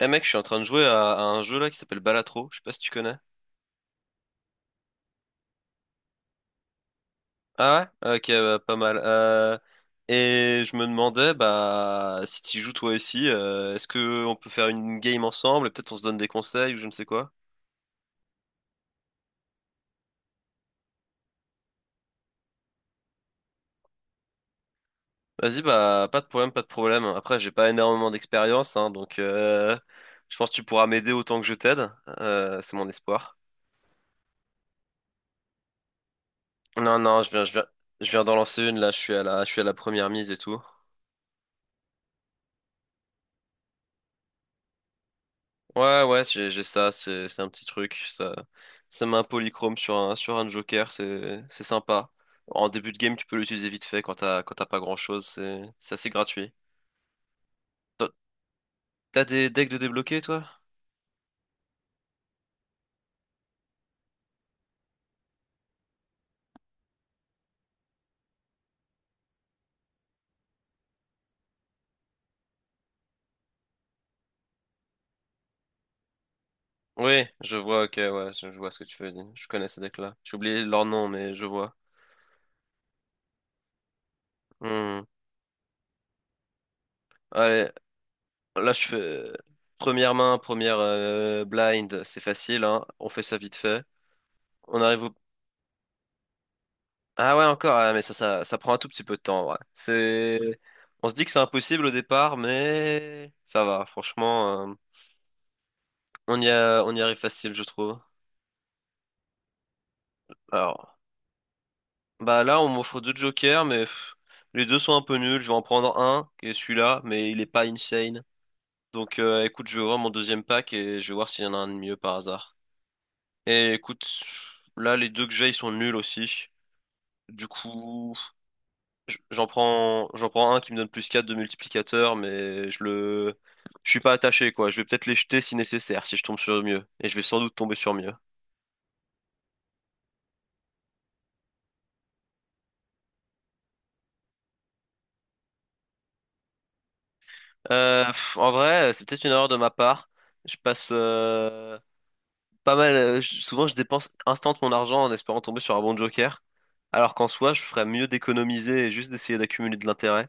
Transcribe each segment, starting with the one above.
Eh mec, je suis en train de jouer à, un jeu là qui s'appelle Balatro, je sais pas si tu connais. Ah ouais? Ok, bah, pas mal. Et je me demandais, bah, si tu joues toi aussi, est-ce que on peut faire une game ensemble et peut-être on se donne des conseils ou je ne sais quoi? Vas-y, bah, pas de problème, pas de problème. Après, j'ai pas énormément d'expérience, hein, donc je pense que tu pourras m'aider autant que je t'aide. C'est mon espoir. Non, non, je viens d'en lancer une là, je suis à la première mise et tout. Ouais, ouais, j'ai ça, c'est un petit truc. Ça met un polychrome sur un joker, c'est sympa. En début de game, tu peux l'utiliser vite fait quand t'as pas grand-chose, c'est assez gratuit. T'as t'as des decks de débloquer, toi? Oui, je vois, ok, ouais, je vois ce que tu veux dire. Je connais ces decks-là. J'ai oublié leur nom, mais je vois. Hmm. Allez, là, je fais première main, première blind, c'est facile, hein. On fait ça vite fait. On arrive au… Ah ouais, encore, ouais, mais ça prend un tout petit peu de temps, ouais. C'est… On se dit que c'est impossible au départ, mais ça va, franchement, on y arrive facile, je trouve. Alors, bah là, on m'offre deux jokers, mais pff, les deux sont un peu nuls. Je vais en prendre un, qui est celui-là, mais il est pas insane. Donc, écoute, je vais voir mon deuxième pack et je vais voir s'il y en a un de mieux par hasard. Et écoute, là, les deux que j'ai, ils sont nuls aussi. Du coup. J'en prends un qui me donne plus 4 de multiplicateur, je suis pas attaché, quoi. Je vais peut-être les jeter si nécessaire, si je tombe sur mieux. Et je vais sans doute tomber sur mieux. Pff, en vrai, c'est peut-être une erreur de ma part. Je passe, pas mal, je- souvent je dépense instant mon argent en espérant tomber sur un bon joker. Alors qu'en soi, je ferais mieux d'économiser et juste d'essayer d'accumuler de l'intérêt.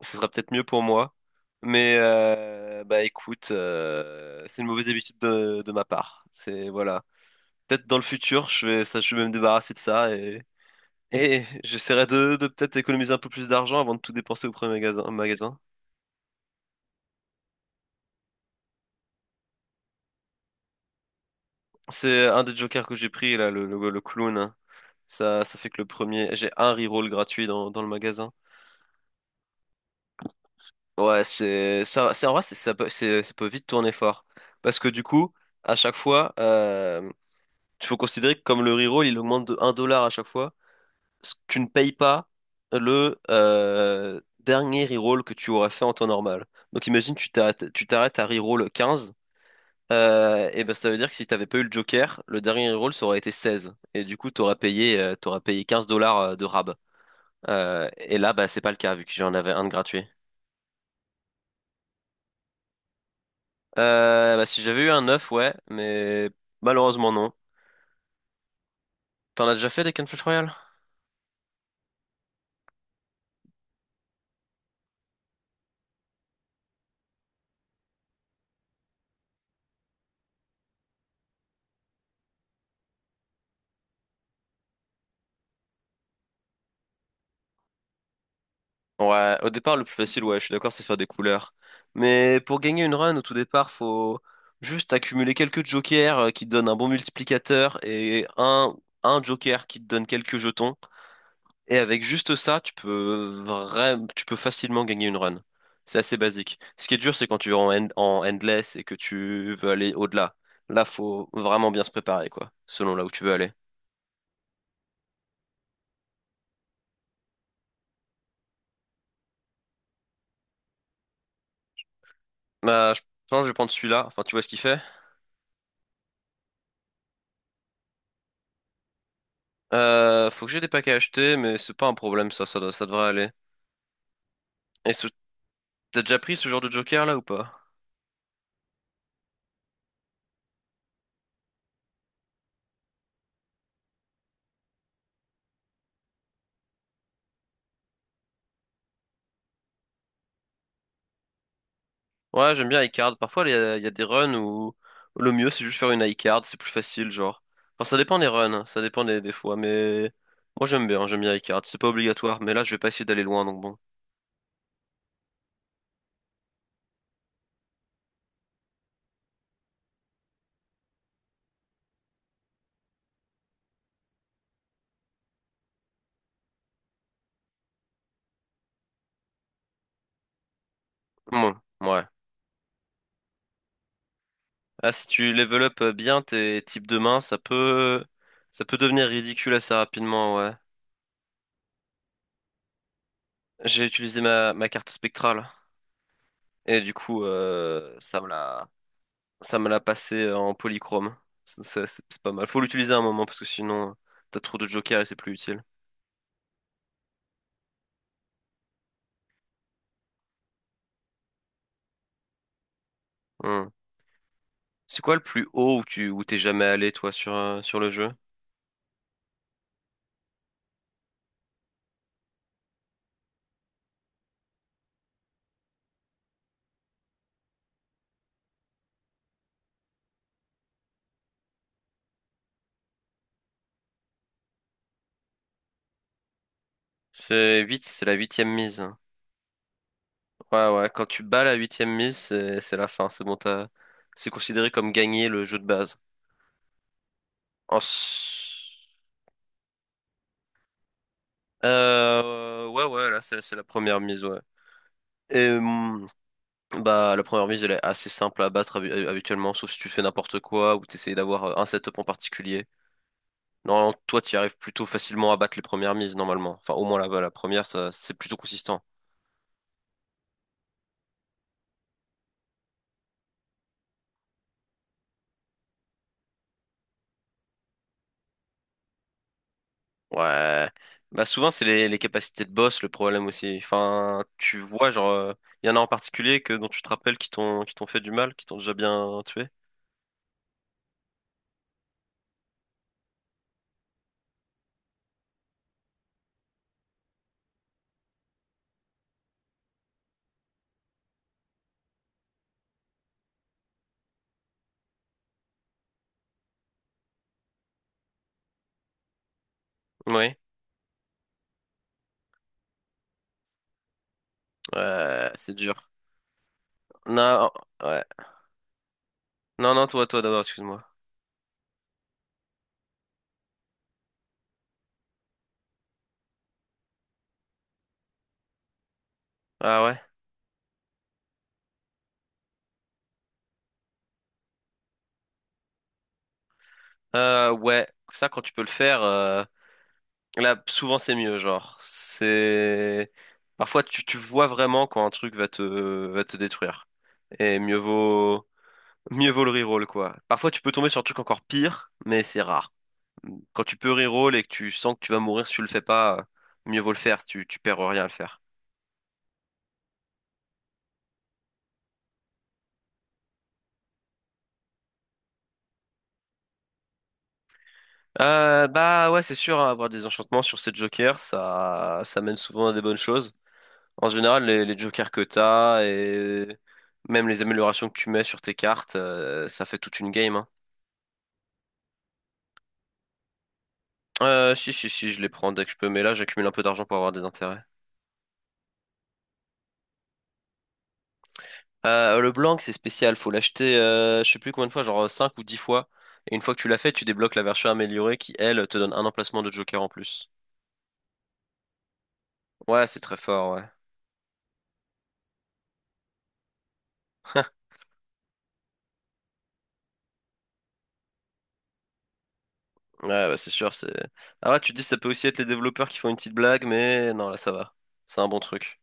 Ce serait peut-être mieux pour moi. Mais, bah écoute, c'est une mauvaise habitude de ma part. C'est, voilà. Peut-être dans le futur, je vais me débarrasser de ça et j'essaierai de peut-être économiser un peu plus d'argent avant de tout dépenser au premier magasin. C'est un des jokers que j'ai pris là, le clown. Ça fait que le premier, j'ai un reroll gratuit dans le magasin. Ouais, c'est ça, c'est en vrai, c'est- ça peut vite tourner fort parce que du coup, à chaque fois, il faut considérer que comme le reroll, il augmente de 1 dollar à chaque fois. Tu ne payes pas le dernier reroll que tu aurais fait en temps normal. Donc imagine, tu t'arrêtes à reroll 15, et ben ça veut dire que si t'avais pas eu le Joker, le dernier reroll ça aurait été 16. Et du coup, t'aurais payé 15 dollars de rab. Et là, bah, c'est pas le cas, vu que j'en avais un de gratuit. Bah, si j'avais eu un 9 ouais, mais malheureusement non. T'en as déjà fait des Cannes Flash Royale? Ouais, au départ, le plus facile, ouais, je suis d'accord, c'est faire des couleurs. Mais pour gagner une run, au tout départ, faut juste accumuler quelques jokers qui te donnent un bon multiplicateur et un joker qui te donne quelques jetons. Et avec juste ça, tu peux facilement gagner une run. C'est assez basique. Ce qui est dur, c'est quand tu es en endless et que tu veux aller au-delà. Là, faut vraiment bien se préparer, quoi, selon là où tu veux aller. Bah, je pense que je vais prendre celui-là. Enfin, tu vois ce qu'il fait. Faut que j'ai des paquets à acheter, mais c'est pas un problème, ça devrait aller. Et ce- T'as déjà pris ce genre de joker là ou pas? Ouais, j'aime bien iCard. Parfois, il y a des runs où le mieux, c'est juste faire une iCard, c'est plus facile, genre. Enfin, ça dépend des runs, hein, ça dépend des fois, mais moi, j'aime bien iCard. C'est pas obligatoire, mais là, je vais pas essayer d'aller loin, donc bon. Bon, ouais. Là, si tu level up bien tes types de mains, ça peut devenir ridicule assez rapidement, ouais. J'ai utilisé ma carte spectrale, et du coup, ça me l'a passé en polychrome. C'est pas mal. Faut l'utiliser à un moment, parce que sinon, t'as trop de jokers et c'est plus utile. Hmm. C'est quoi le plus haut où t'es jamais allé toi sur sur le jeu? C'est la huitième mise. Ouais ouais, quand tu bats la huitième mise, c'est la fin, c'est bon t'as c'est considéré comme gagner le jeu de base. Ensuite… ouais ouais, là c'est la première mise ouais. Et bah la première mise elle est assez simple à battre habituellement, sauf si tu fais n'importe quoi ou t'essayes d'avoir un setup en particulier. Normalement, toi, tu arrives plutôt facilement à battre les premières mises normalement. Enfin, au moins là-bas, la première, ça c'est plutôt consistant. Ouais. Bah souvent c'est les capacités de boss le problème aussi. Enfin, tu vois genre il y en a en particulier que dont tu te rappelles qui t'ont fait du mal, qui t'ont déjà bien tué. Oui. Ouais, c'est dur. Non, oh, ouais. Non non, toi d'abord, excuse-moi. Ah ouais. Ouais, ça quand tu peux le faire, là souvent c'est mieux genre. C'est parfois tu vois vraiment quand un truc va te détruire et mieux vaut le reroll quoi. Parfois tu peux tomber sur un truc encore pire, mais c'est rare. Quand tu peux reroll et que tu sens que tu vas mourir si tu le fais pas, mieux vaut le faire, si tu perds rien à le faire. Bah ouais, c'est sûr, hein, avoir des enchantements sur ces jokers, ça mène souvent à des bonnes choses. En général, les jokers que t'as et même les améliorations que tu mets sur tes cartes, ça fait toute une game, hein. Si, si, si, je les prends dès que je peux, mais là, j'accumule un peu d'argent pour avoir des intérêts. Le blanc, c'est spécial, faut l'acheter, je sais plus combien de fois, genre 5 ou 10 fois. Et une fois que tu l'as fait, tu débloques la version améliorée qui, elle, te donne un emplacement de joker en plus. Ouais, c'est très fort, ouais. Ouais, bah, c'est sûr, c'est… Ah ouais, tu te dis, ça peut aussi être les développeurs qui font une petite blague, mais non, là, ça va. C'est un bon truc.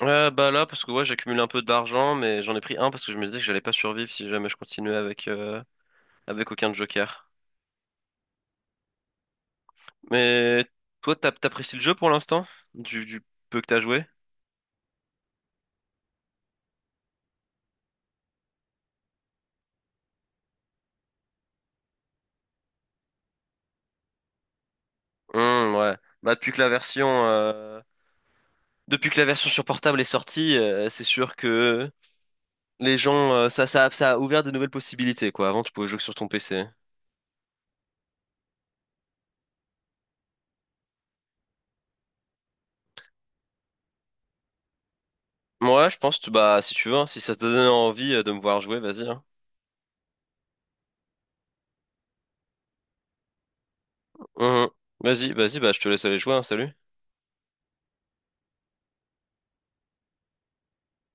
Ouais, bah là, parce que ouais, j'ai accumulé un peu d'argent, mais j'en ai pris un parce que je me disais que j'allais pas survivre si jamais je continuais avec, avec aucun joker. Mais toi, t'apprécies le jeu pour l'instant? Du peu que t'as joué? Ouais. Bah, depuis que la version sur portable est sortie, c'est sûr que les gens, ça a ouvert de nouvelles possibilités, quoi. Avant, tu pouvais jouer que sur ton PC. Moi, je pense, bah, si tu veux, hein, si ça te donne envie de me voir jouer, vas-y, hein. Mhm. Vas-y, vas-y, bah, je te laisse aller jouer, hein, salut.